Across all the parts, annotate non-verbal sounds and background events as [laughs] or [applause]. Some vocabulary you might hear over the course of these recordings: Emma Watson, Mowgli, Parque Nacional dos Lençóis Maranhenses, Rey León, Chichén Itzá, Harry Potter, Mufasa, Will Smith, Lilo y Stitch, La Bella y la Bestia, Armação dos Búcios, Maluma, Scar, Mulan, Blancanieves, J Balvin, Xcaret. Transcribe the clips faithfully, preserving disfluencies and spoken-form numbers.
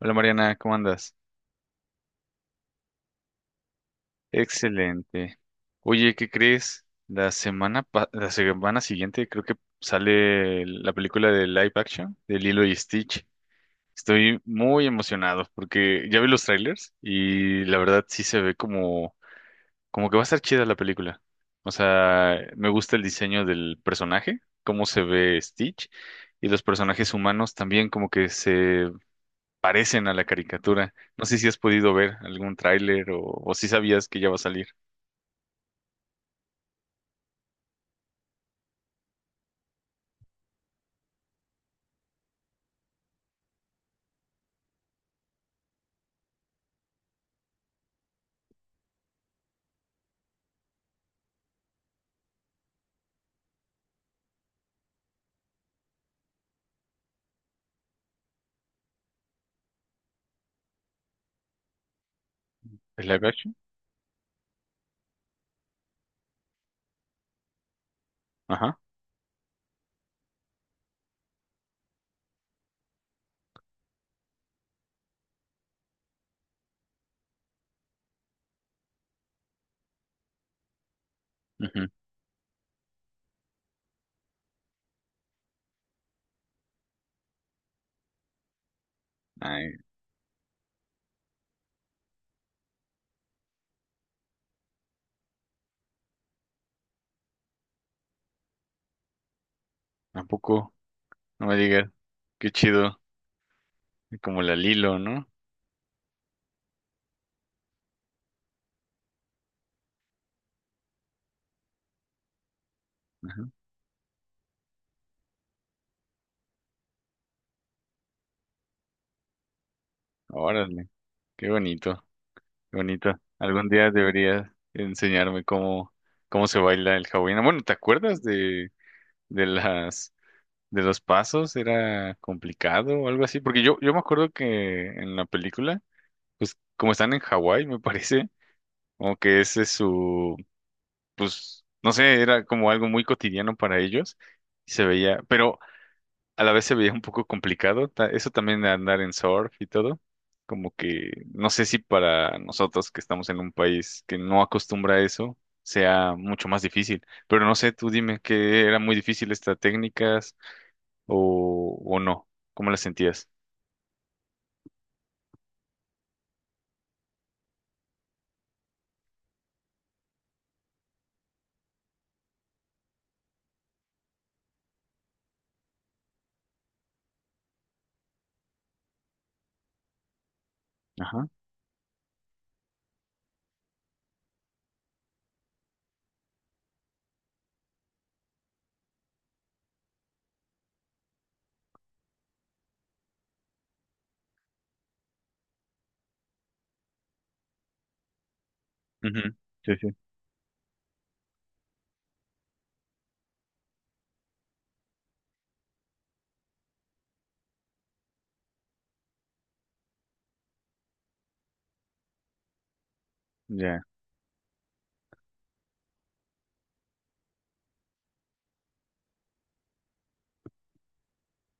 Hola Mariana, ¿cómo andas? Excelente. Oye, ¿qué crees? La semana, pa- la semana siguiente creo que sale la película de live action de Lilo y Stitch. Estoy muy emocionado porque ya vi los trailers y la verdad sí se ve como, como que va a estar chida la película. O sea, me gusta el diseño del personaje, cómo se ve Stitch y los personajes humanos también como que se parecen a la caricatura. No sé si has podido ver algún tráiler o, o si sabías que ya va a salir. ¿El live action? Ajá. Ujú. Ay, tampoco, no me digas. Qué chido. Como la Lilo, ¿no? Ajá. Órale, qué bonito, qué bonito. Algún día deberías enseñarme cómo, cómo se baila el hawaiano. Bueno, ¿te acuerdas de, de las de los pasos? ¿Era complicado o algo así? Porque yo, yo me acuerdo que en la película, pues como están en Hawái, me parece, como que ese es su, pues, no sé, era como algo muy cotidiano para ellos y se veía, pero a la vez se veía un poco complicado, ta- eso también de andar en surf y todo, como que no sé si para nosotros que estamos en un país que no acostumbra a eso sea mucho más difícil, pero no sé, tú dime que era muy difícil estas técnicas o, o no, ¿cómo las sentías? Ajá. Ujú. Sí, sí. Ya.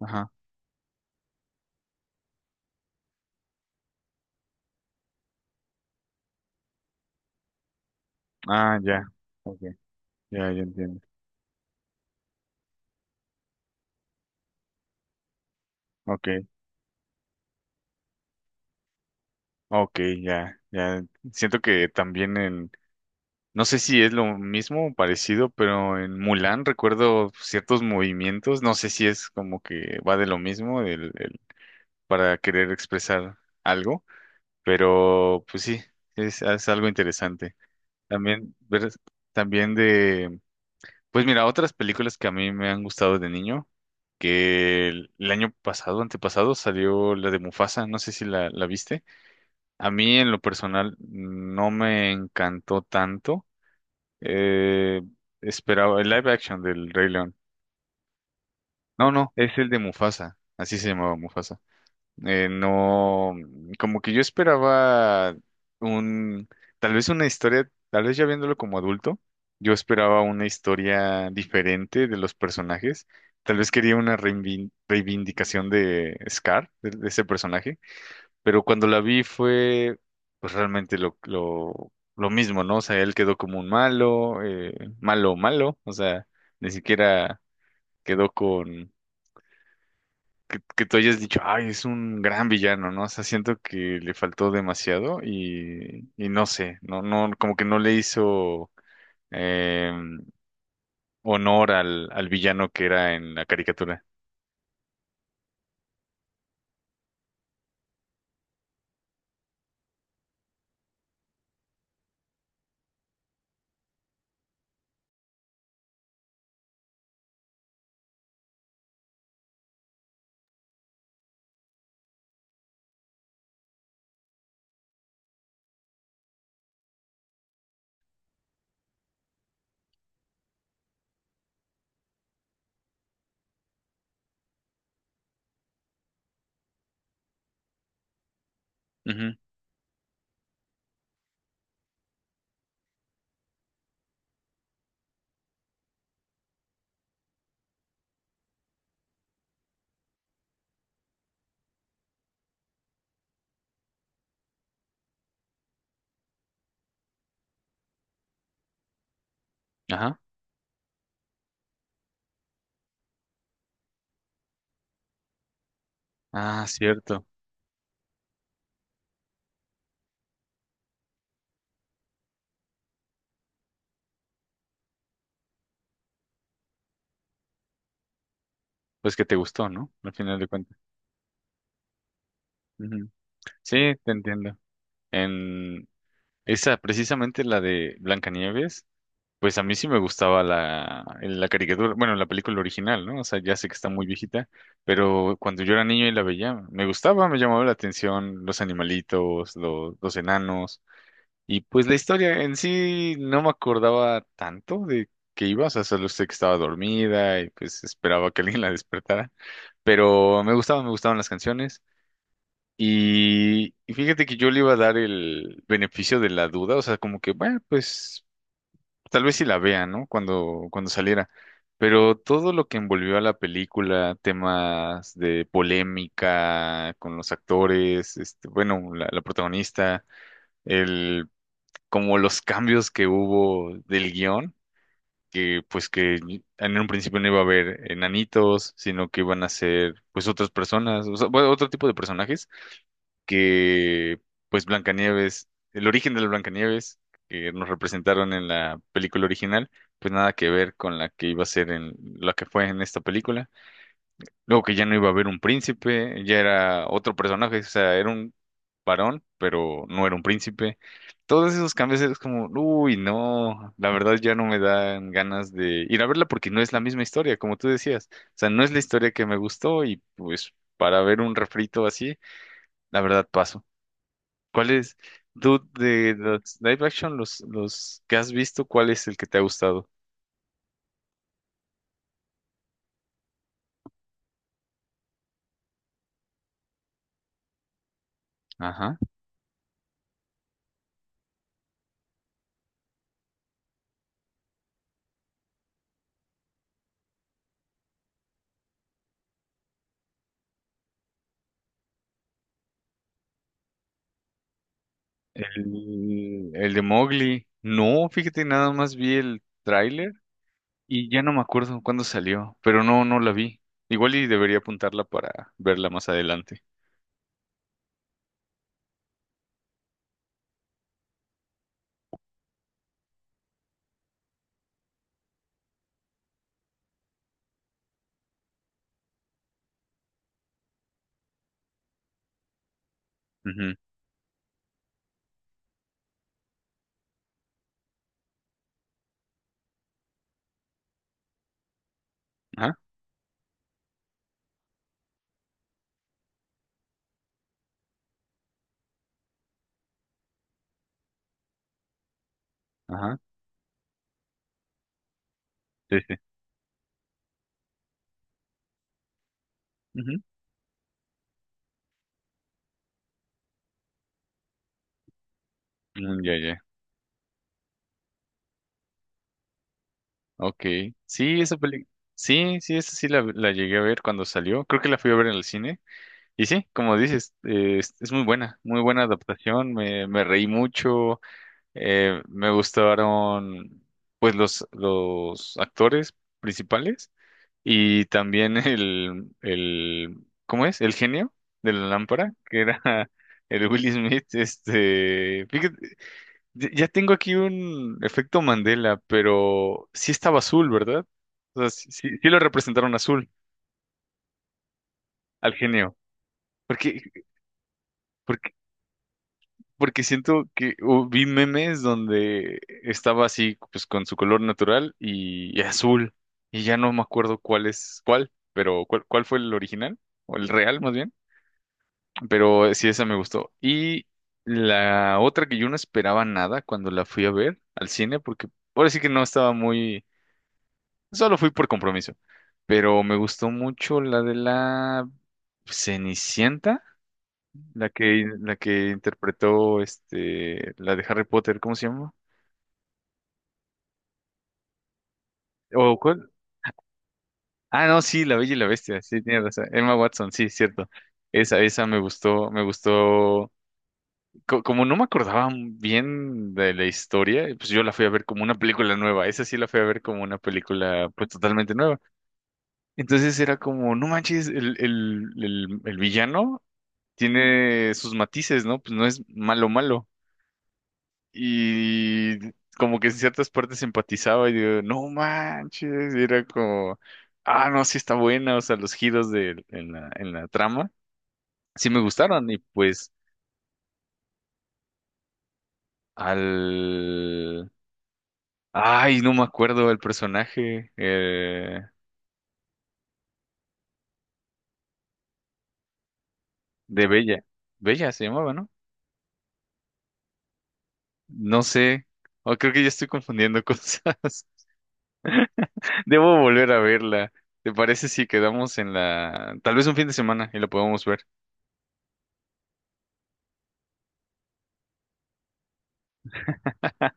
Ajá. Ah, ya. Ok. Ya, ya entiendo. Ok. Ok, ya, ya. Siento que también en, no sé si es lo mismo o parecido, pero en Mulan recuerdo ciertos movimientos, no sé si es como que va de lo mismo el, el- para querer expresar algo, pero pues sí, es, es algo interesante. También, ver, también de, pues mira, otras películas que a mí me han gustado de niño, que el, el año pasado, antepasado, salió la de Mufasa, no sé si la, la viste. A mí en lo personal no me encantó tanto. Eh, Esperaba el live action del Rey León. No, no, es el de Mufasa. Así se llamaba Mufasa. Eh, no, como que yo esperaba un, tal vez una historia, tal vez ya viéndolo como adulto, yo esperaba una historia diferente de los personajes. Tal vez quería una reivin- reivindicación de Scar, de de ese personaje, pero cuando la vi fue pues realmente lo, lo, lo mismo, ¿no? O sea, él quedó como un malo, eh, malo, malo, o sea, ni siquiera quedó con que, que tú hayas dicho, ay, es un gran villano, ¿no? O sea, siento que le faltó demasiado y, y no sé, no, no, como que no le hizo eh, honor al, al villano que era en la caricatura. Ujú. Ajá. Ah, cierto. Pues que te gustó, ¿no? Al final de cuentas. Ujú. Sí, te entiendo. En, esa, precisamente la de Blancanieves, pues a mí sí me gustaba la, la caricatura, bueno, la película original, ¿no? O sea, ya sé que está muy viejita, pero cuando yo era niño y la veía, me gustaba, me llamaba la atención los animalitos, los, los enanos, y pues la historia en sí no me acordaba tanto de que iba, o sea, solo sé que estaba dormida y pues esperaba que alguien la despertara, pero me gustaban, me gustaban las canciones. Y, y fíjate que yo le iba a dar el beneficio de la duda, o sea, como que, bueno, pues tal vez si la vea, ¿no? Cuando, cuando saliera. Pero todo lo que envolvió a la película, temas de polémica con los actores, este, bueno, la, la protagonista, el, como los cambios que hubo del guión, que pues que en un principio no iba a haber enanitos, sino que iban a ser pues otras personas, o sea, bueno, otro tipo de personajes que pues Blancanieves, el origen de la Blancanieves que nos representaron en la película original, pues nada que ver con la que iba a ser en la que fue en esta película. Luego que ya no iba a haber un príncipe, ya era otro personaje, o sea, era un varón, pero no era un príncipe. Todos esos cambios es como, uy, no, la verdad ya no me dan ganas de ir a verla porque no es la misma historia, como tú decías. O sea, no es la historia que me gustó y pues para ver un refrito así, la verdad paso. ¿Cuáles es, de los live action, los, los que has visto, cuál es el que te ha gustado? Ajá. El, el de Mowgli. No, fíjate, nada más vi el tráiler y ya no me acuerdo cuándo salió, pero no, no la vi. Igual y debería apuntarla para verla más adelante. Ujú. Ajá. Ajá. Sí, sí. Ujú. Mm, ya, ya. Ok. Sí, esa película. Sí, sí, esa sí la, la llegué a ver cuando salió. Creo que la fui a ver en el cine. Y sí, como dices, eh, es, es muy buena, muy buena adaptación, me, me reí mucho, eh, me gustaron pues los, los actores principales y también [laughs] el, el, ¿cómo es? El genio de la lámpara, que era [laughs] el Will Smith, este, fíjate, ya ya tengo aquí un efecto Mandela, pero sí estaba azul, ¿verdad? O sea, sí, sí sí lo representaron azul al genio. Porque porque siento que o vi memes donde estaba así, pues con su color natural y, y azul. Y ya no me acuerdo cuál es cuál, pero cuál, cuál fue el original, o el real más bien. Pero sí, esa me gustó. Y la otra que yo no esperaba nada cuando la fui a ver al cine, porque ahora sí que no estaba muy. Solo fui por compromiso. Pero me gustó mucho la de la Cenicienta, la que, la que interpretó este, la de Harry Potter, ¿cómo se llama? ¿O cuál? Ah, no, sí, La Bella y la Bestia, sí, tienes razón. Emma Watson, sí, cierto. Esa, esa me gustó, me gustó. Co- como no me acordaba bien de la historia, pues yo la fui a ver como una película nueva. Esa sí la fui a ver como una película, pues totalmente nueva. Entonces era como, no manches, el, el, el, el villano tiene sus matices, ¿no? Pues no es malo malo. Y como que en ciertas partes empatizaba y digo, no manches, y era como, ah, no, sí está buena, o sea, los giros de, en la, en la trama, sí me gustaron y pues al... Ay, no me acuerdo el personaje eh, de Bella. Bella se llamaba, ¿no? No sé. O creo que ya estoy confundiendo cosas. [laughs] Debo volver a verla. ¿Te parece si quedamos en la... Tal vez un fin de semana y la podemos ver?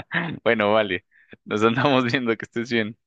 [laughs] Bueno, vale. Nos andamos viendo que estés bien.